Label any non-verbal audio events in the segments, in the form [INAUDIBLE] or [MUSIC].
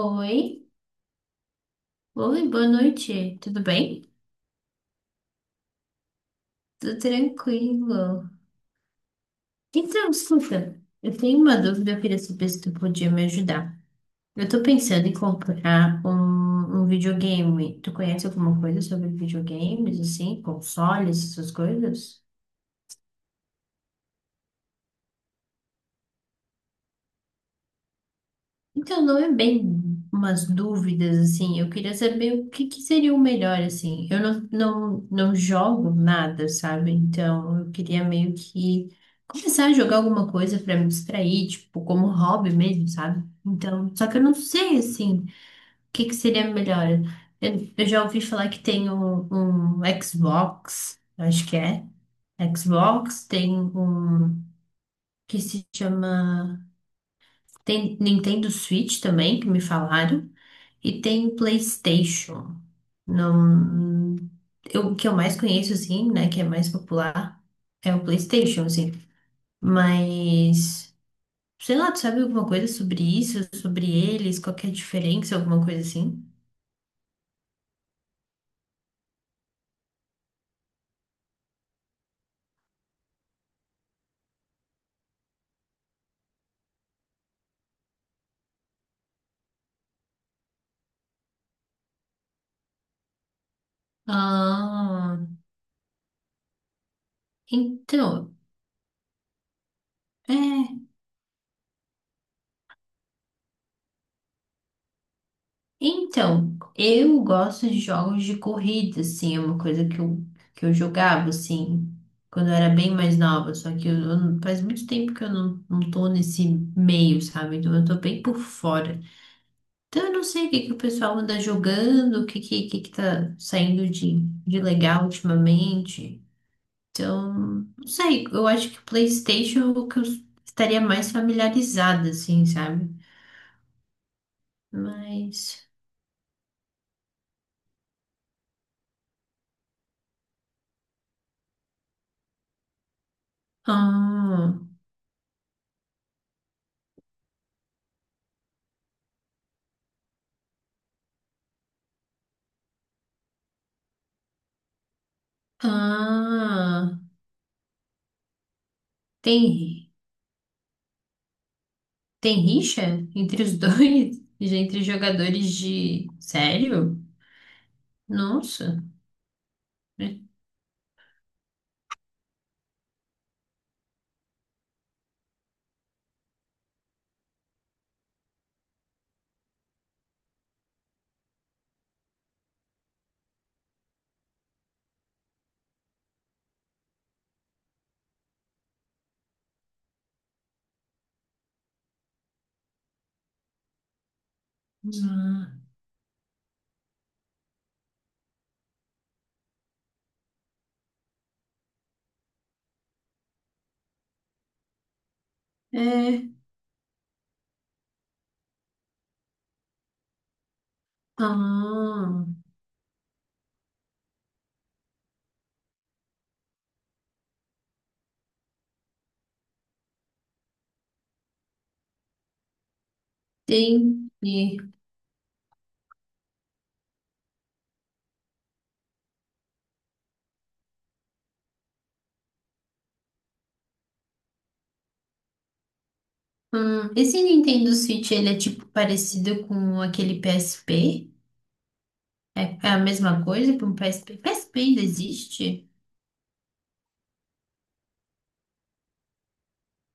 Oi, oi, boa noite, tudo bem? Tudo tranquilo. Então, escuta, eu tenho uma dúvida, eu queria saber se tu podia me ajudar. Eu tô pensando em comprar um videogame. Tu conhece alguma coisa sobre videogames, assim, consoles, essas coisas? Então, não é bem umas dúvidas, assim. Eu queria saber o que que seria o melhor, assim. Eu não jogo nada, sabe? Então, eu queria meio que começar a jogar alguma coisa para me distrair, tipo, como hobby mesmo, sabe? Então, só que eu não sei, assim, o que que seria melhor. Eu já ouvi falar que tem um Xbox, acho que é. Xbox, tem um que se chama. Tem Nintendo Switch também, que me falaram. E tem PlayStation. Não, eu, o que eu mais conheço, assim, né? Que é mais popular é o PlayStation, assim. Mas, sei lá, tu sabe alguma coisa sobre isso, sobre eles, qual que é a diferença, alguma coisa assim? Ah, então, é. Então, eu gosto de jogos de corrida, assim, é uma coisa que eu jogava, assim, quando eu era bem mais nova, só que eu, faz muito tempo que eu não tô nesse meio, sabe? Então eu tô bem por fora. Então eu não sei o que que o pessoal anda jogando, o que que tá saindo de legal ultimamente. Então, não sei, eu acho que o PlayStation é o que eu estaria mais familiarizada, assim, sabe? Mas... Ah, ah, tem, tem rixa entre os dois? [LAUGHS] Entre jogadores de. Sério? Nossa. É. Ah, é. Ah, entendi. Esse Nintendo Switch, ele é tipo parecido com aquele PSP? É, é a mesma coisa que um PSP? PSP ainda existe?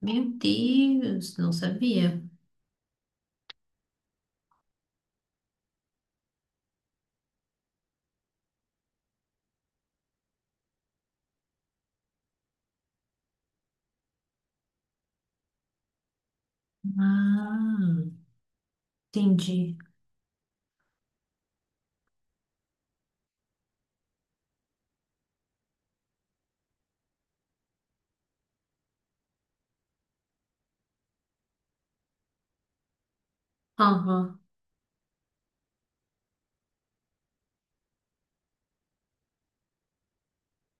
Meu Deus, não sabia. Ah, entendi. Aham.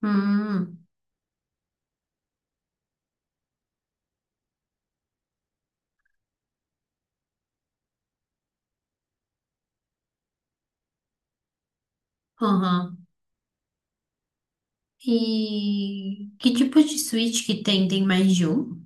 Hum, aham. E que tipo de switch que tem? Tem mais de um?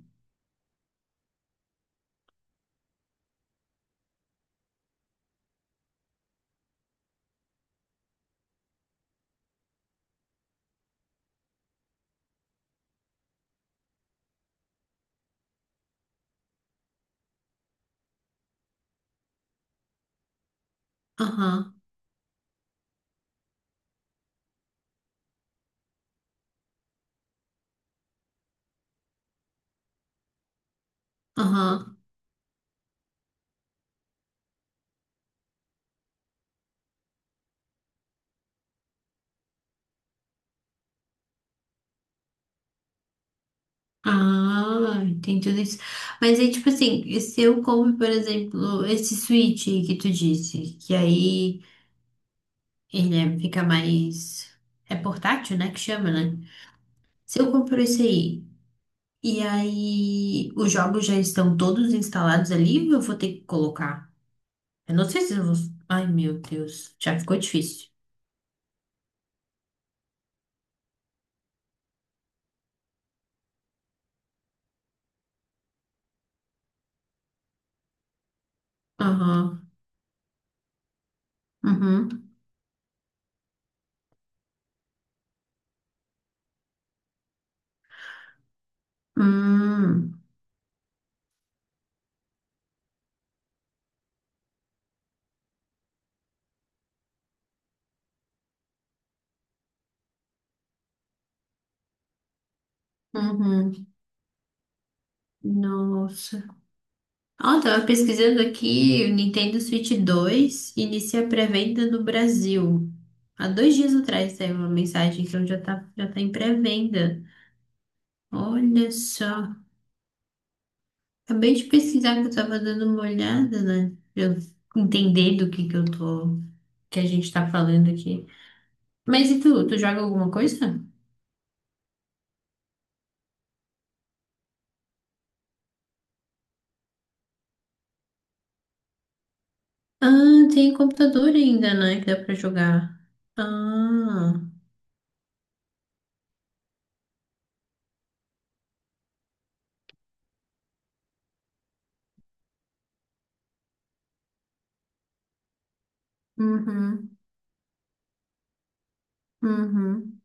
Aham, aham. Ah, tem tudo isso. Mas aí, tipo assim, se eu compro, por exemplo, esse switch que tu disse, que aí fica mais. É portátil, né? Que chama, né? Se eu compro esse aí, e aí os jogos já estão todos instalados ali, ou eu vou ter que colocar? Eu não sei se eu vou. Ai, meu Deus, já ficou difícil. Aham, uhum. Hum. Uhum. Nossa. Ah, eu tava pesquisando aqui, o Nintendo Switch 2 inicia a pré-venda no Brasil. Há dois dias atrás saiu uma mensagem então já tá em pré-venda. Olha só. Acabei de pesquisar que eu tava dando uma olhada, né? Pra eu entender do que eu tô, que a gente tá falando aqui. Mas e tu, tu joga alguma coisa? Ah, tem computador ainda, né? Que dá pra jogar. Ah, uhum, uhum.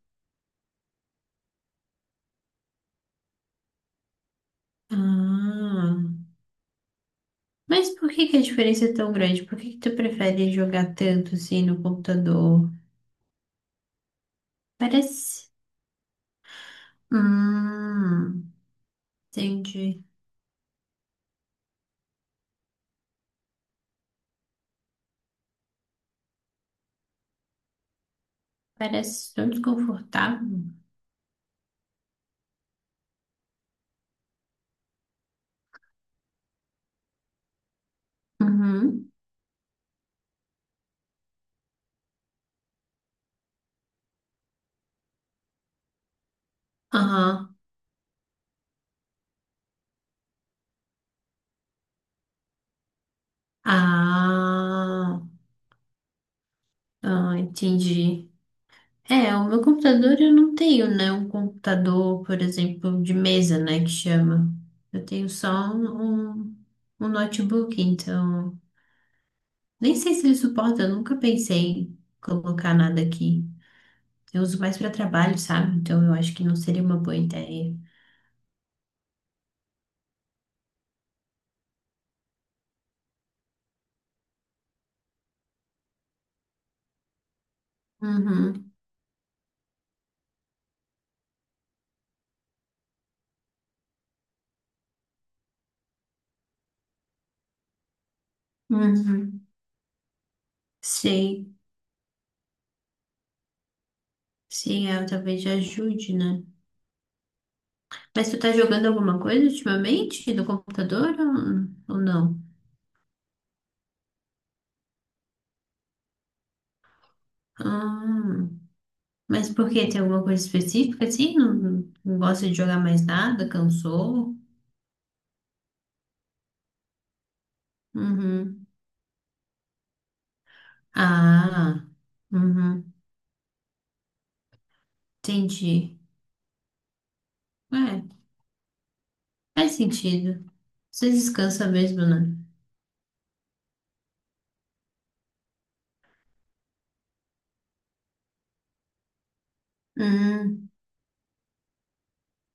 Ah, mas por que que a diferença é tão grande? Por que que tu prefere jogar tanto assim no computador? Parece. Hum, entendi. Parece tão desconfortável. Uhum. Aham. Ah, ah, entendi. É, o meu computador eu não tenho, né? Um computador, por exemplo, de mesa, né? Que chama. Eu tenho só um notebook, então. Nem sei se ele suporta, eu nunca pensei em colocar nada aqui. Eu uso mais para trabalho, sabe? Então eu acho que não seria uma boa ideia. Uhum, uhum. Sei, sei, é, talvez ajude, né? Mas tu tá jogando alguma coisa ultimamente no computador ou não? Ah, mas por quê? Tem alguma coisa específica assim? Não, não gosta de jogar mais nada? Cansou? Uhum. Ah, uhum. Entendi. É, faz sentido. Você descansa mesmo, né? Hum.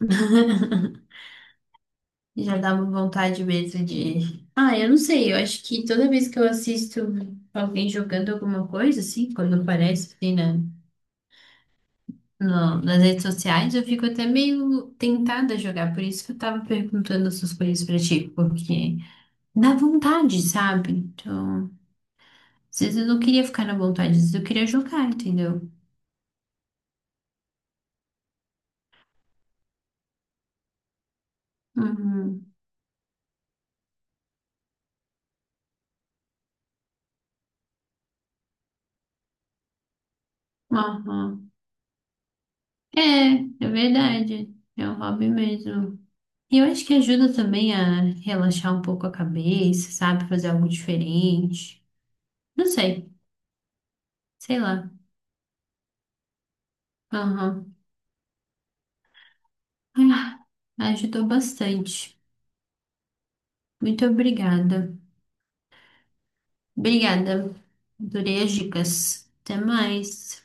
[LAUGHS] Já dá uma vontade mesmo de. Ah, eu não sei, eu acho que toda vez que eu assisto alguém jogando alguma coisa, assim, quando aparece assim, na, nas redes sociais, eu fico até meio tentada a jogar. Por isso que eu tava perguntando essas coisas pra ti, porque dá vontade, sabe? Então, às vezes eu não queria ficar na vontade, às vezes eu queria jogar, entendeu? Uhum. Aham. É, é verdade. É um hobby mesmo. E eu acho que ajuda também a relaxar um pouco a cabeça, sabe? Fazer algo diferente. Não sei, sei lá. Aham. Ah, ajudou bastante. Muito obrigada. Obrigada. Adorei as dicas. Até mais.